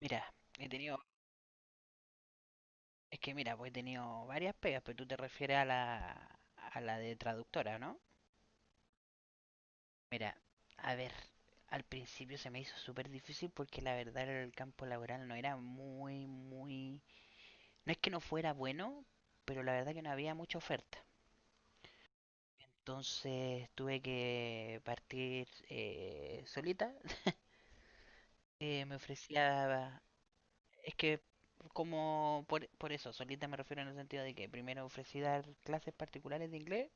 Mira, he tenido, es que mira, pues he tenido varias pegas, pero tú te refieres a la de traductora, ¿no? Mira, a ver, al principio se me hizo súper difícil porque la verdad el campo laboral no era muy... No es que no fuera bueno, pero la verdad que no había mucha oferta. Entonces tuve que partir solita. Me ofrecía... Es que por eso, solita me refiero en el sentido de que primero ofrecí dar clases particulares de inglés.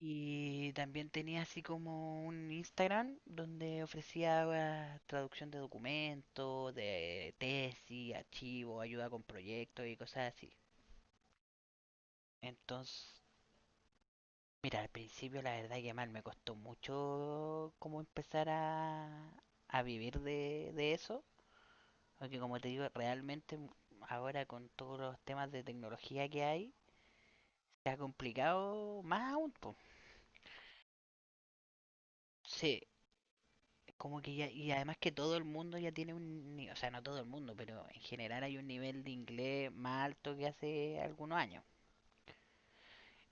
Y también tenía así como un Instagram donde ofrecía traducción de documentos, de tesis, archivos, ayuda con proyectos y cosas así. Entonces, mira, al principio la verdad que mal, me costó mucho como empezar a vivir de eso. Porque como te digo, ahora con todos los temas de tecnología que hay, se ha complicado más aún, po. Sí, como que ya, y además que todo el mundo ya tiene un, ni- o sea, no todo el mundo, pero en general hay un nivel de inglés más alto que hace algunos años.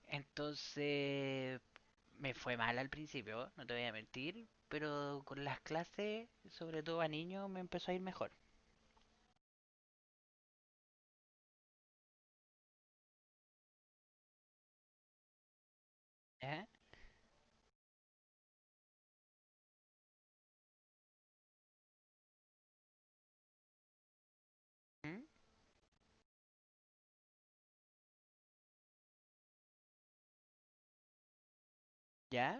Entonces, me fue mal al principio, no te voy a mentir, pero con las clases, sobre todo a niños, me empezó a ir mejor. ¿Eh? ¿Mm? ¿Ya?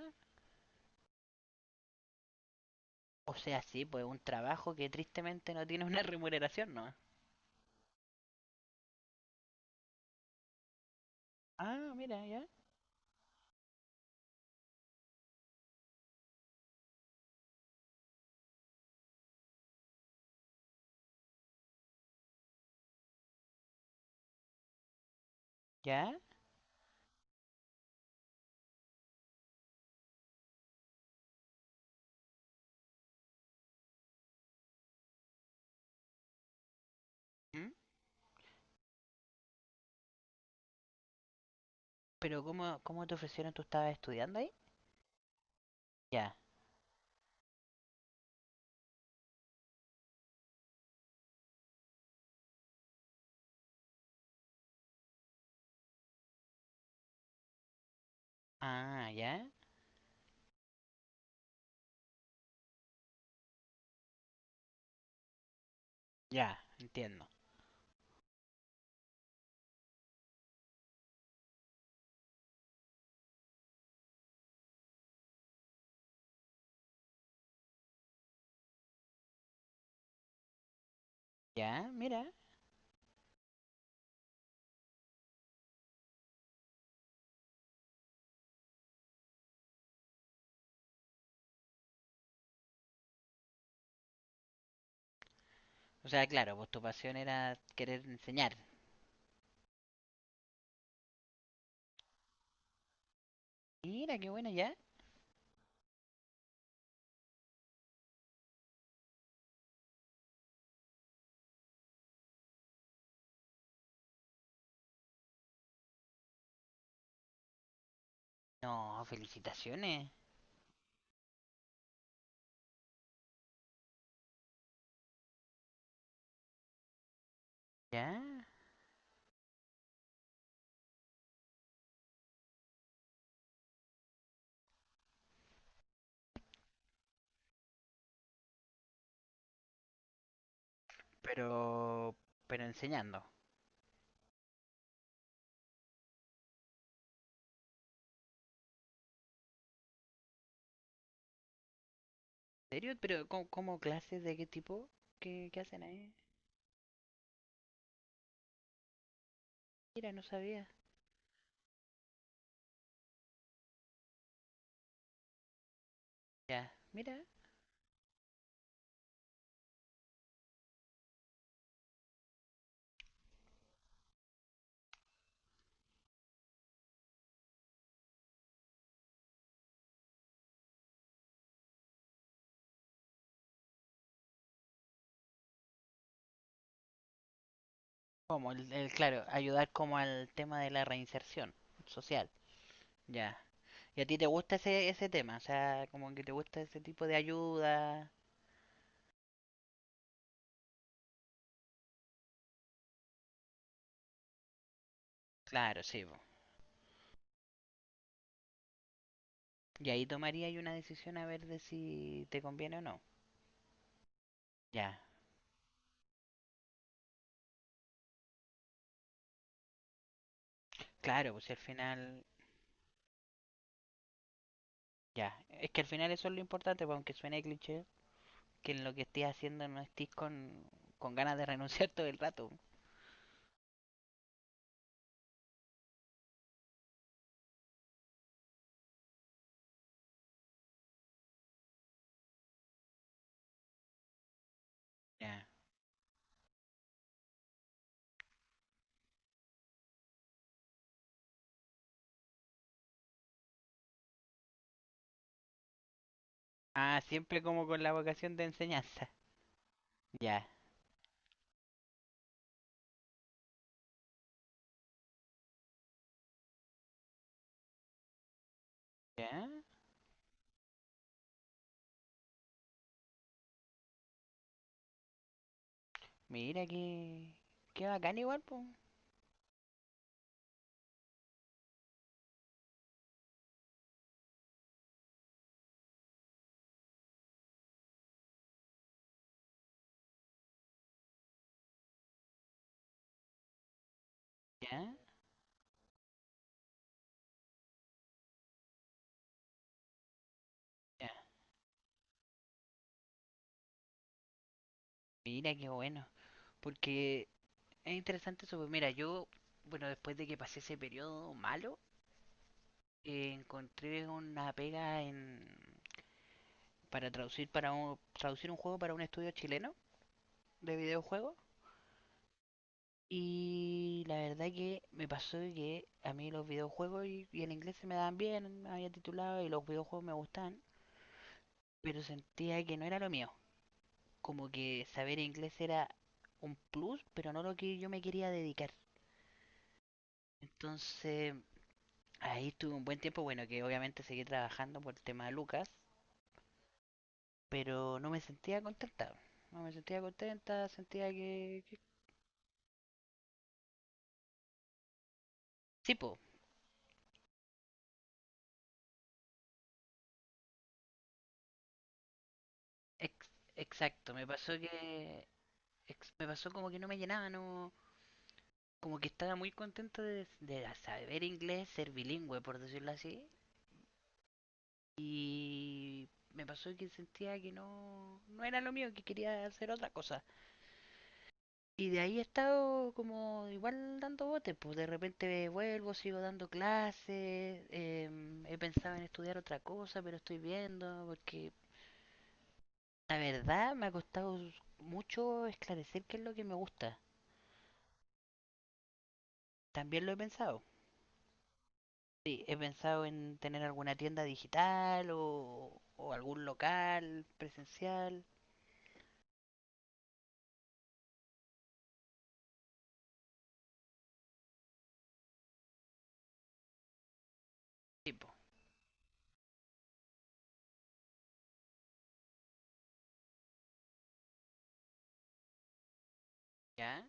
O sea, sí, pues un trabajo que tristemente no tiene una remuneración, ¿no? Ah, mira, ya. ¿Ya? ¿Mm? Pero ¿cómo, cómo te ofrecieron? ¿Tú estabas estudiando ahí? Ya. Ah, ya. Ya, entiendo. Ya, mira. O sea, claro, pues tu pasión era querer enseñar. Mira, qué buena, ya. No, felicitaciones. Ya, pero pero enseñando. ¿En serio? ¿Pero cómo, cómo clases de qué tipo? ¿Qué, qué hacen ahí? Mira, no sabía. Ya, mira. Como, claro, ayudar como al tema de la reinserción social. Ya. ¿Y a ti te gusta ese, ese tema? O sea, como que te gusta ese tipo de ayuda. Claro, sí, po. Y ahí tomaría yo una decisión a ver de si te conviene o no. Ya, claro, pues si al final, ya, es que al final eso es lo importante, pues, aunque suene cliché, que en lo que estés haciendo no estés con ganas de renunciar todo el rato. Ya. Ah, siempre como con la vocación de enseñanza. Ya. Ya. Mira que... Qué bacán igual, pues. Ya. Ya. Mira, qué bueno. Porque es interesante eso, pues. Mira, yo, bueno, después de que pasé ese periodo malo, encontré una pega en... para traducir para un... traducir un juego para un estudio chileno de videojuegos. Y la verdad que me pasó que a mí los videojuegos y el inglés se me daban bien, me había titulado y los videojuegos me gustaban, pero sentía que no era lo mío. Como que saber inglés era un plus, pero no lo que yo me quería dedicar. Entonces ahí estuve un buen tiempo, bueno, que obviamente seguí trabajando por el tema de Lucas, pero no me sentía contenta. No me sentía contenta, sentía... Sí, po, exacto, me pasó como que no me llenaba, no como que estaba muy contento de saber inglés, ser bilingüe, por decirlo así. Y me pasó que sentía que no, no era lo mío, que quería hacer otra cosa. Y de ahí he estado como igual dando botes, pues de repente vuelvo, sigo dando clases, he pensado en estudiar otra cosa, pero estoy viendo, porque la verdad me ha costado mucho esclarecer qué es lo que me gusta. También lo he pensado. Sí, he pensado en tener alguna tienda digital o algún local presencial. Tipo, ¿ya?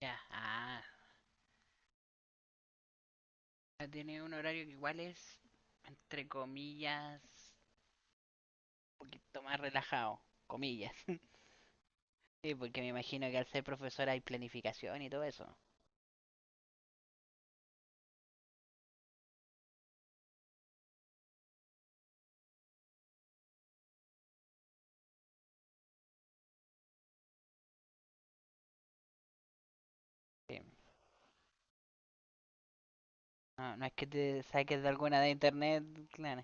Ya, ah, ya tiene un horario que igual es, entre comillas, un poquito más relajado, comillas. Sí, porque me imagino que al ser profesora hay planificación y todo eso. Sí. No, no es que te saques de alguna de internet, claro.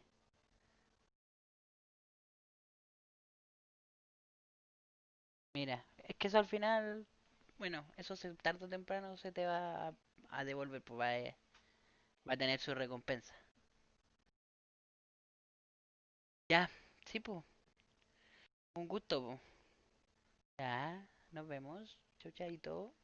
Mira, es que eso al final, bueno, eso se, tarde o temprano se te va a devolver, pues va a- va a tener su recompensa. Ya, sí, po. Un gusto, po. Ya, nos vemos. Chau, chaito.